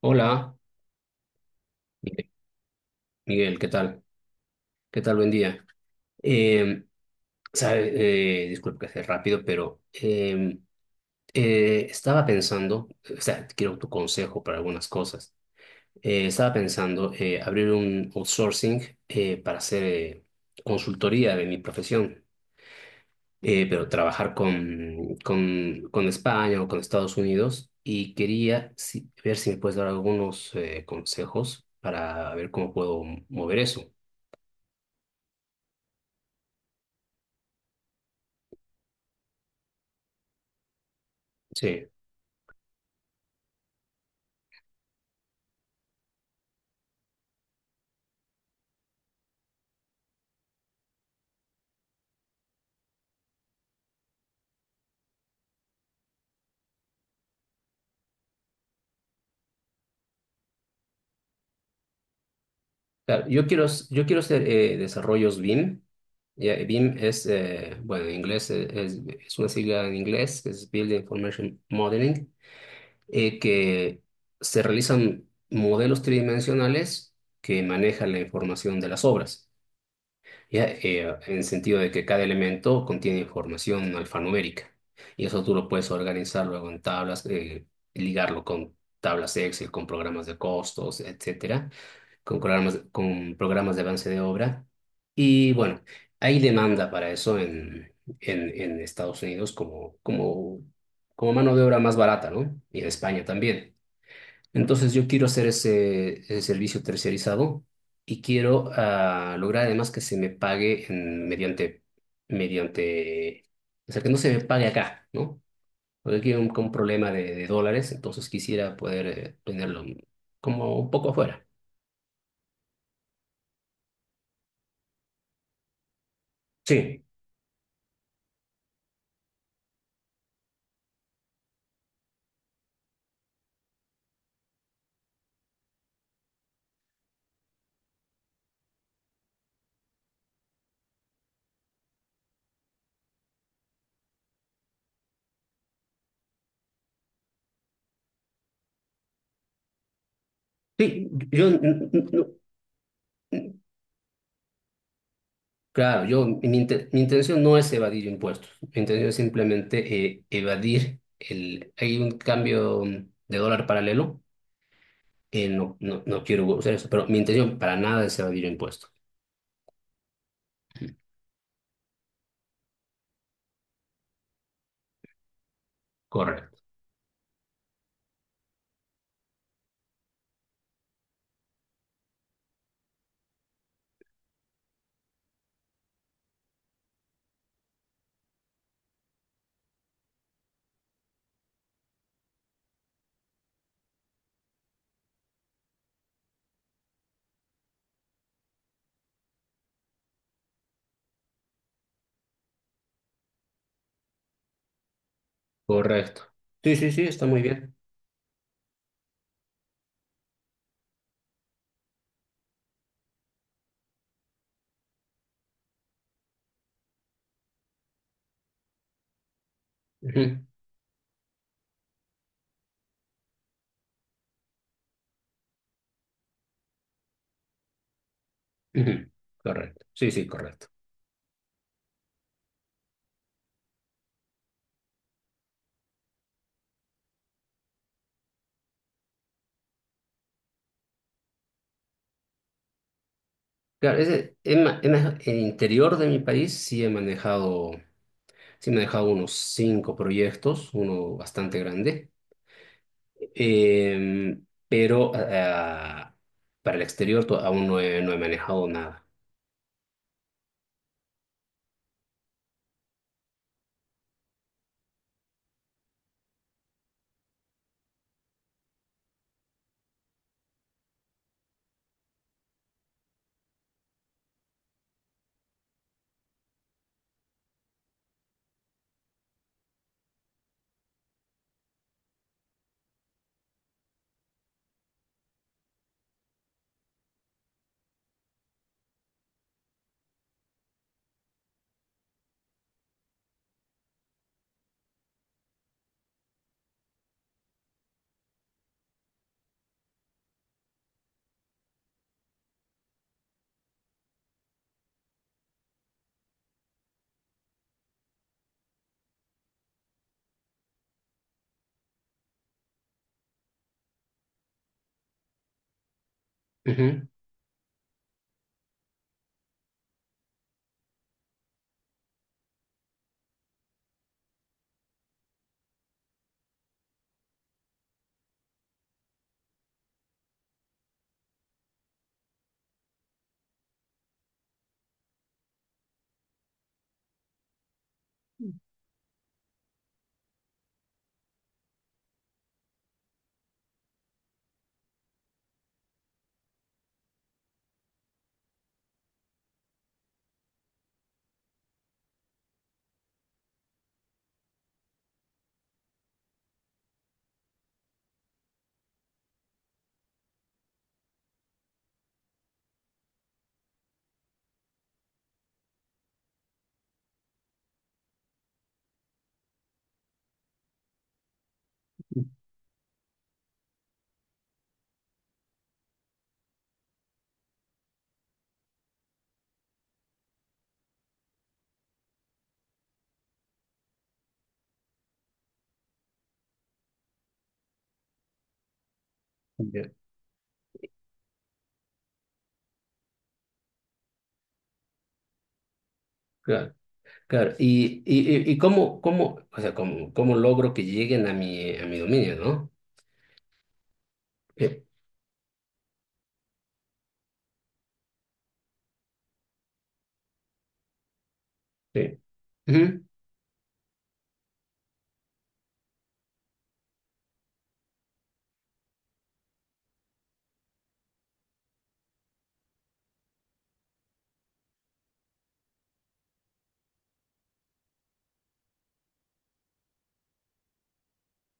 Hola, Miguel, Miguel, ¿qué tal? ¿Qué tal? Buen día. Eh, sabe, disculpe que sea rápido, pero estaba pensando, o sea, quiero tu consejo para algunas cosas. Estaba pensando abrir un outsourcing para hacer consultoría de mi profesión, pero trabajar con España o con Estados Unidos, y quería ver si me puedes dar algunos consejos para ver cómo puedo mover eso. Sí. Claro, yo quiero hacer desarrollos BIM. Ya, BIM es, bueno, en inglés es una sigla en inglés, que es Building Information Modeling, que se realizan modelos tridimensionales que manejan la información de las obras, ya, en el sentido de que cada elemento contiene información alfanumérica. Y eso tú lo puedes organizar luego en tablas, ligarlo con tablas Excel, con programas de costos, etcétera, con programas de avance de obra. Y bueno, hay demanda para eso en, en Estados Unidos, como, como mano de obra más barata, ¿no? Y en España también. Entonces yo quiero hacer ese servicio terciarizado, y quiero lograr además que se me pague mediante, mediante, o sea, que no se me pague acá, ¿no? Porque aquí hay un problema de dólares, entonces quisiera poder tenerlo como un poco afuera. Sí. Sí, yo, n- claro, yo, mi intención no es evadir impuestos, mi intención es simplemente evadir el, hay un cambio de dólar paralelo, no, no, no quiero usar eso, pero mi intención para nada es evadir impuestos. Correcto, correcto. Sí, sí, sí, está muy bien. Ujú, ujú, correcto, sí, sí, correcto. Claro, ese, en, ma- en la- el interior de mi país sí he manejado, unos cinco proyectos, uno bastante grande. Pero para el exterior, aún no he manejado nada. Ujú. Ya, claro, claro. ¿Cómo, o sea, cómo logro que lleguen a a mi dominio, ¿no? Eh, Sí. Ujú.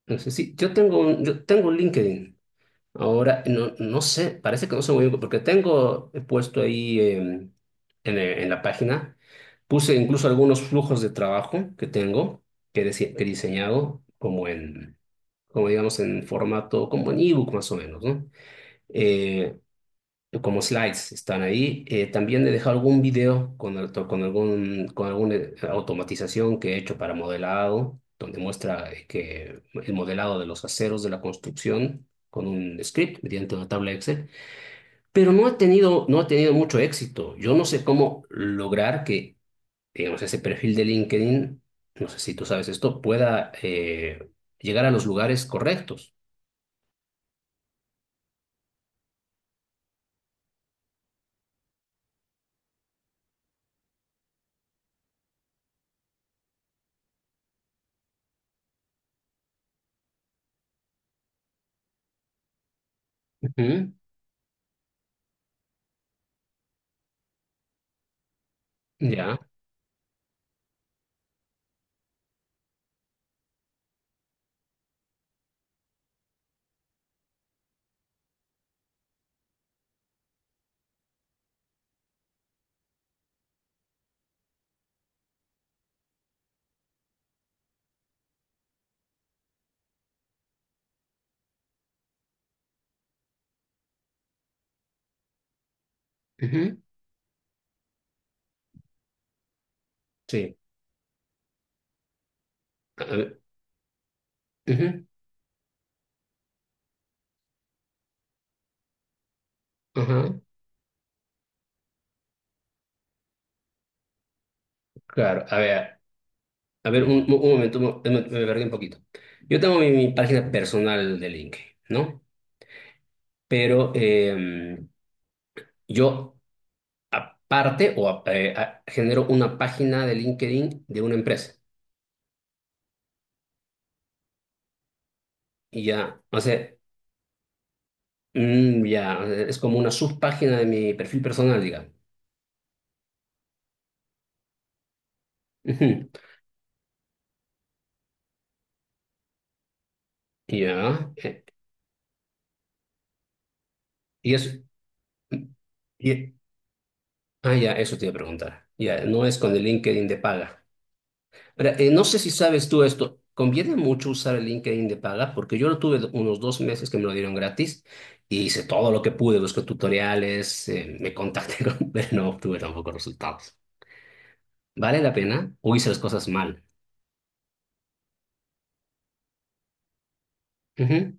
Entonces, sí, yo tengo un LinkedIn. Ahora, no, no sé, parece que no sé muy bien, porque tengo, he puesto ahí en la página, puse incluso algunos flujos de trabajo que tengo, que he diseñado, como digamos, en formato, como en ebook más o menos, ¿no? Eh, Como slides están ahí. También he dejado algún video con algún, con alguna automatización que he hecho para modelado, donde muestra que el modelado de los aceros de la construcción con un script mediante una tabla Excel, pero no ha tenido mucho éxito. Yo no sé cómo lograr que, digamos, ese perfil de LinkedIn, no sé si tú sabes esto, pueda llegar a los lugares correctos. Ujú. Ya. Ujú. Sí. A ver, ujú, ajá. Claro. A ver, un momento, me perdí un poquito. Yo tengo mi página personal de LinkedIn, ¿no? Pero yo, aparte, genero una página de LinkedIn de una empresa. Y ya, o sea, ya, o sea, es como una subpágina de mi perfil personal, digamos. Ujú. Ya. Y es... y- ya, eso te iba a preguntar. Ya, no es con el LinkedIn de paga. Ahora, no sé si sabes tú esto. Conviene mucho usar el LinkedIn de paga, porque yo lo tuve unos 2 meses que me lo dieron gratis, y hice todo lo que pude, busqué tutoriales, me contacté con, pero no obtuve tampoco resultados. ¿Vale la pena o hice las cosas mal? Ujú,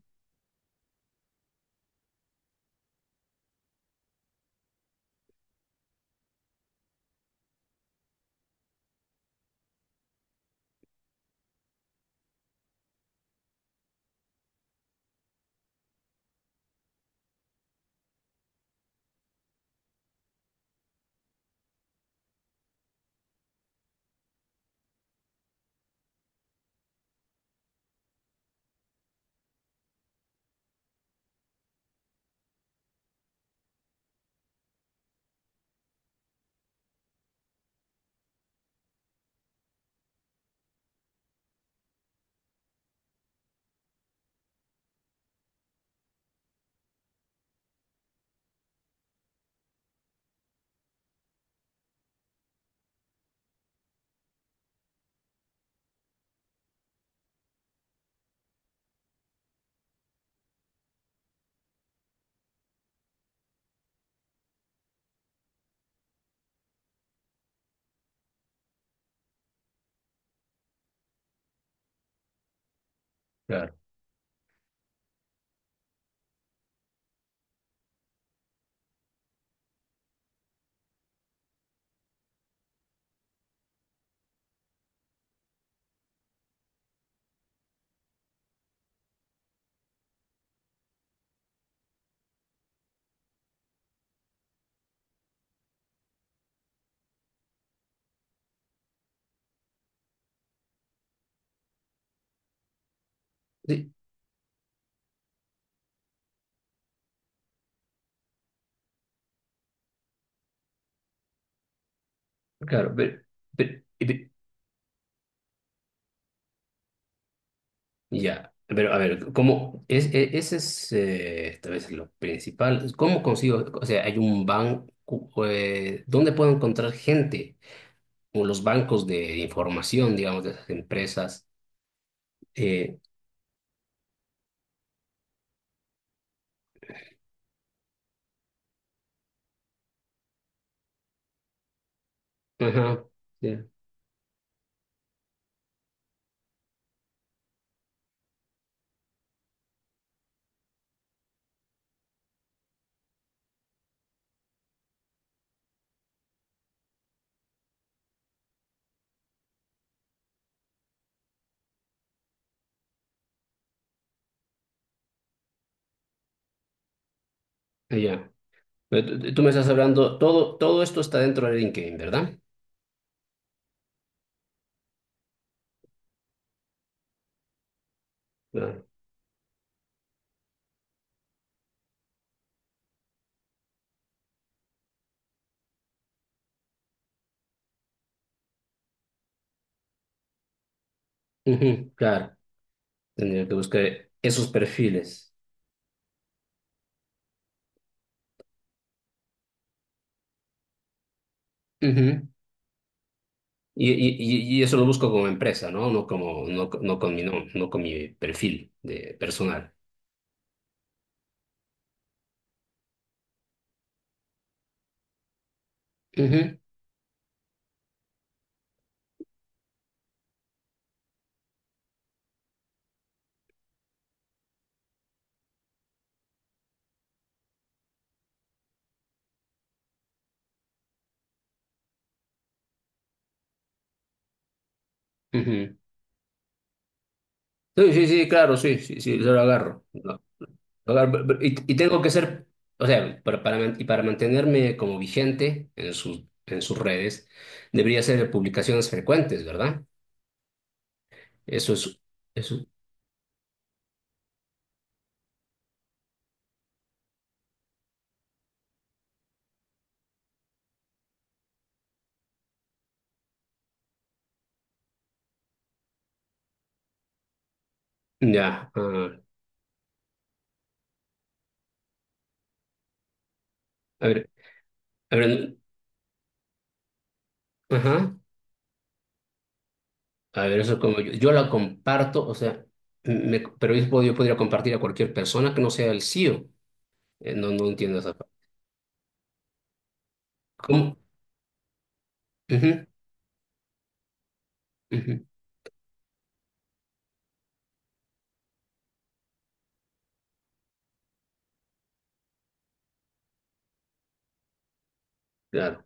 claro, sí, claro, pero, pero- pero- ya, pero a ver, ¿cómo? Ese es tal vez lo principal. ¿Cómo consigo? O sea, hay un banco, ¿dónde puedo encontrar gente? O los bancos de información, digamos, de esas empresas. Eh, ajá, ya, ya. Tú me estás hablando, todo esto está dentro de LinkedIn, ¿verdad? Claro. Ujú, claro, tendría que buscar esos perfiles. Ujú. ¿Eso lo busco como empresa, ¿no? No como, no, co- No con mi, no no, con mi perfil de personal. Ujú, ujú. Sí, sí, sí, claro, sí, sí, sí, yo lo agarro. Claro, y tengo que ser, o sea, y para mantenerme como vigente en en sus redes, debería ser publicaciones frecuentes, ¿verdad? Eso es, eso, ya, a ver, a ver, ajá, a ver, eso, yo la comparto, o sea, pero yo, yo podría compartir a cualquier persona que no sea el CEO. No, no entiendo esa parte. ¿Cómo? Ujú, ujú, claro,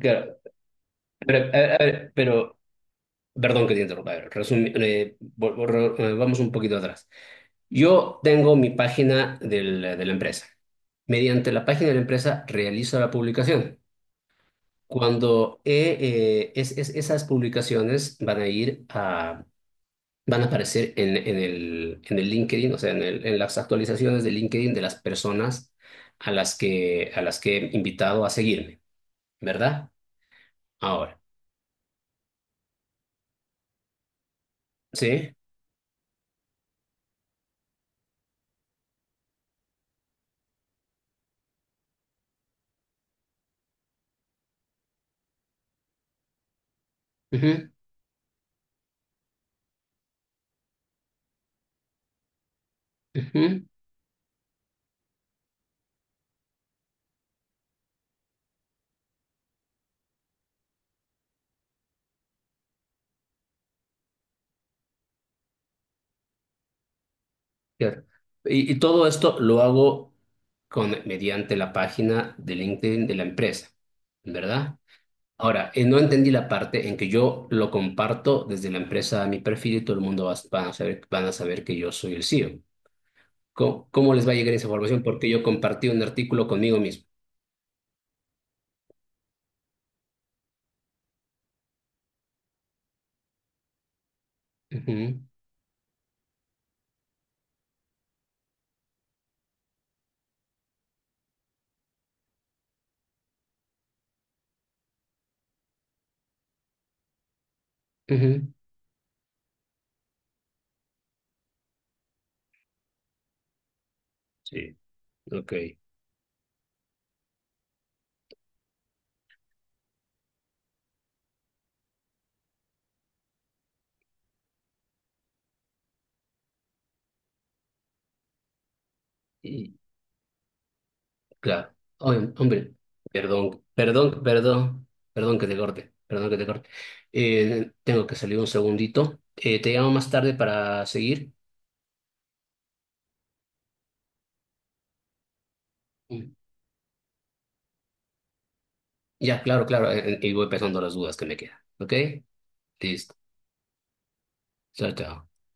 claro. Pero, a ver, pero perdón que te interrumpa. Vamos un poquito atrás. Yo tengo mi página de la empresa. Mediante la página de la empresa realizo la publicación. Cuando esas publicaciones van a aparecer en, en el LinkedIn, o sea, en las actualizaciones de LinkedIn de las personas, a las que he invitado a seguirme, ¿verdad? Ahora, ¿sí? Ujú, ujú. Claro. Y todo esto lo hago mediante la página de LinkedIn de la empresa, ¿verdad? Ahora, no entendí la parte en que yo lo comparto desde la empresa a mi perfil, y todo el mundo va, van a saber que yo soy el CEO. ¿Cómo les va a llegar esa información? Porque yo compartí un artículo conmigo mismo. Ujú, ujú. Sí. Ok. Y, Claro. Oye, hombre, perdón, perdón, perdón, perdón que te corte, perdón que te corte. Tengo que salir un segundito. Te llamo más tarde para seguir. Mm, Ya, claro, claro, y voy pensando las dudas que me quedan. ¿Ok? Listo. Chao, chao.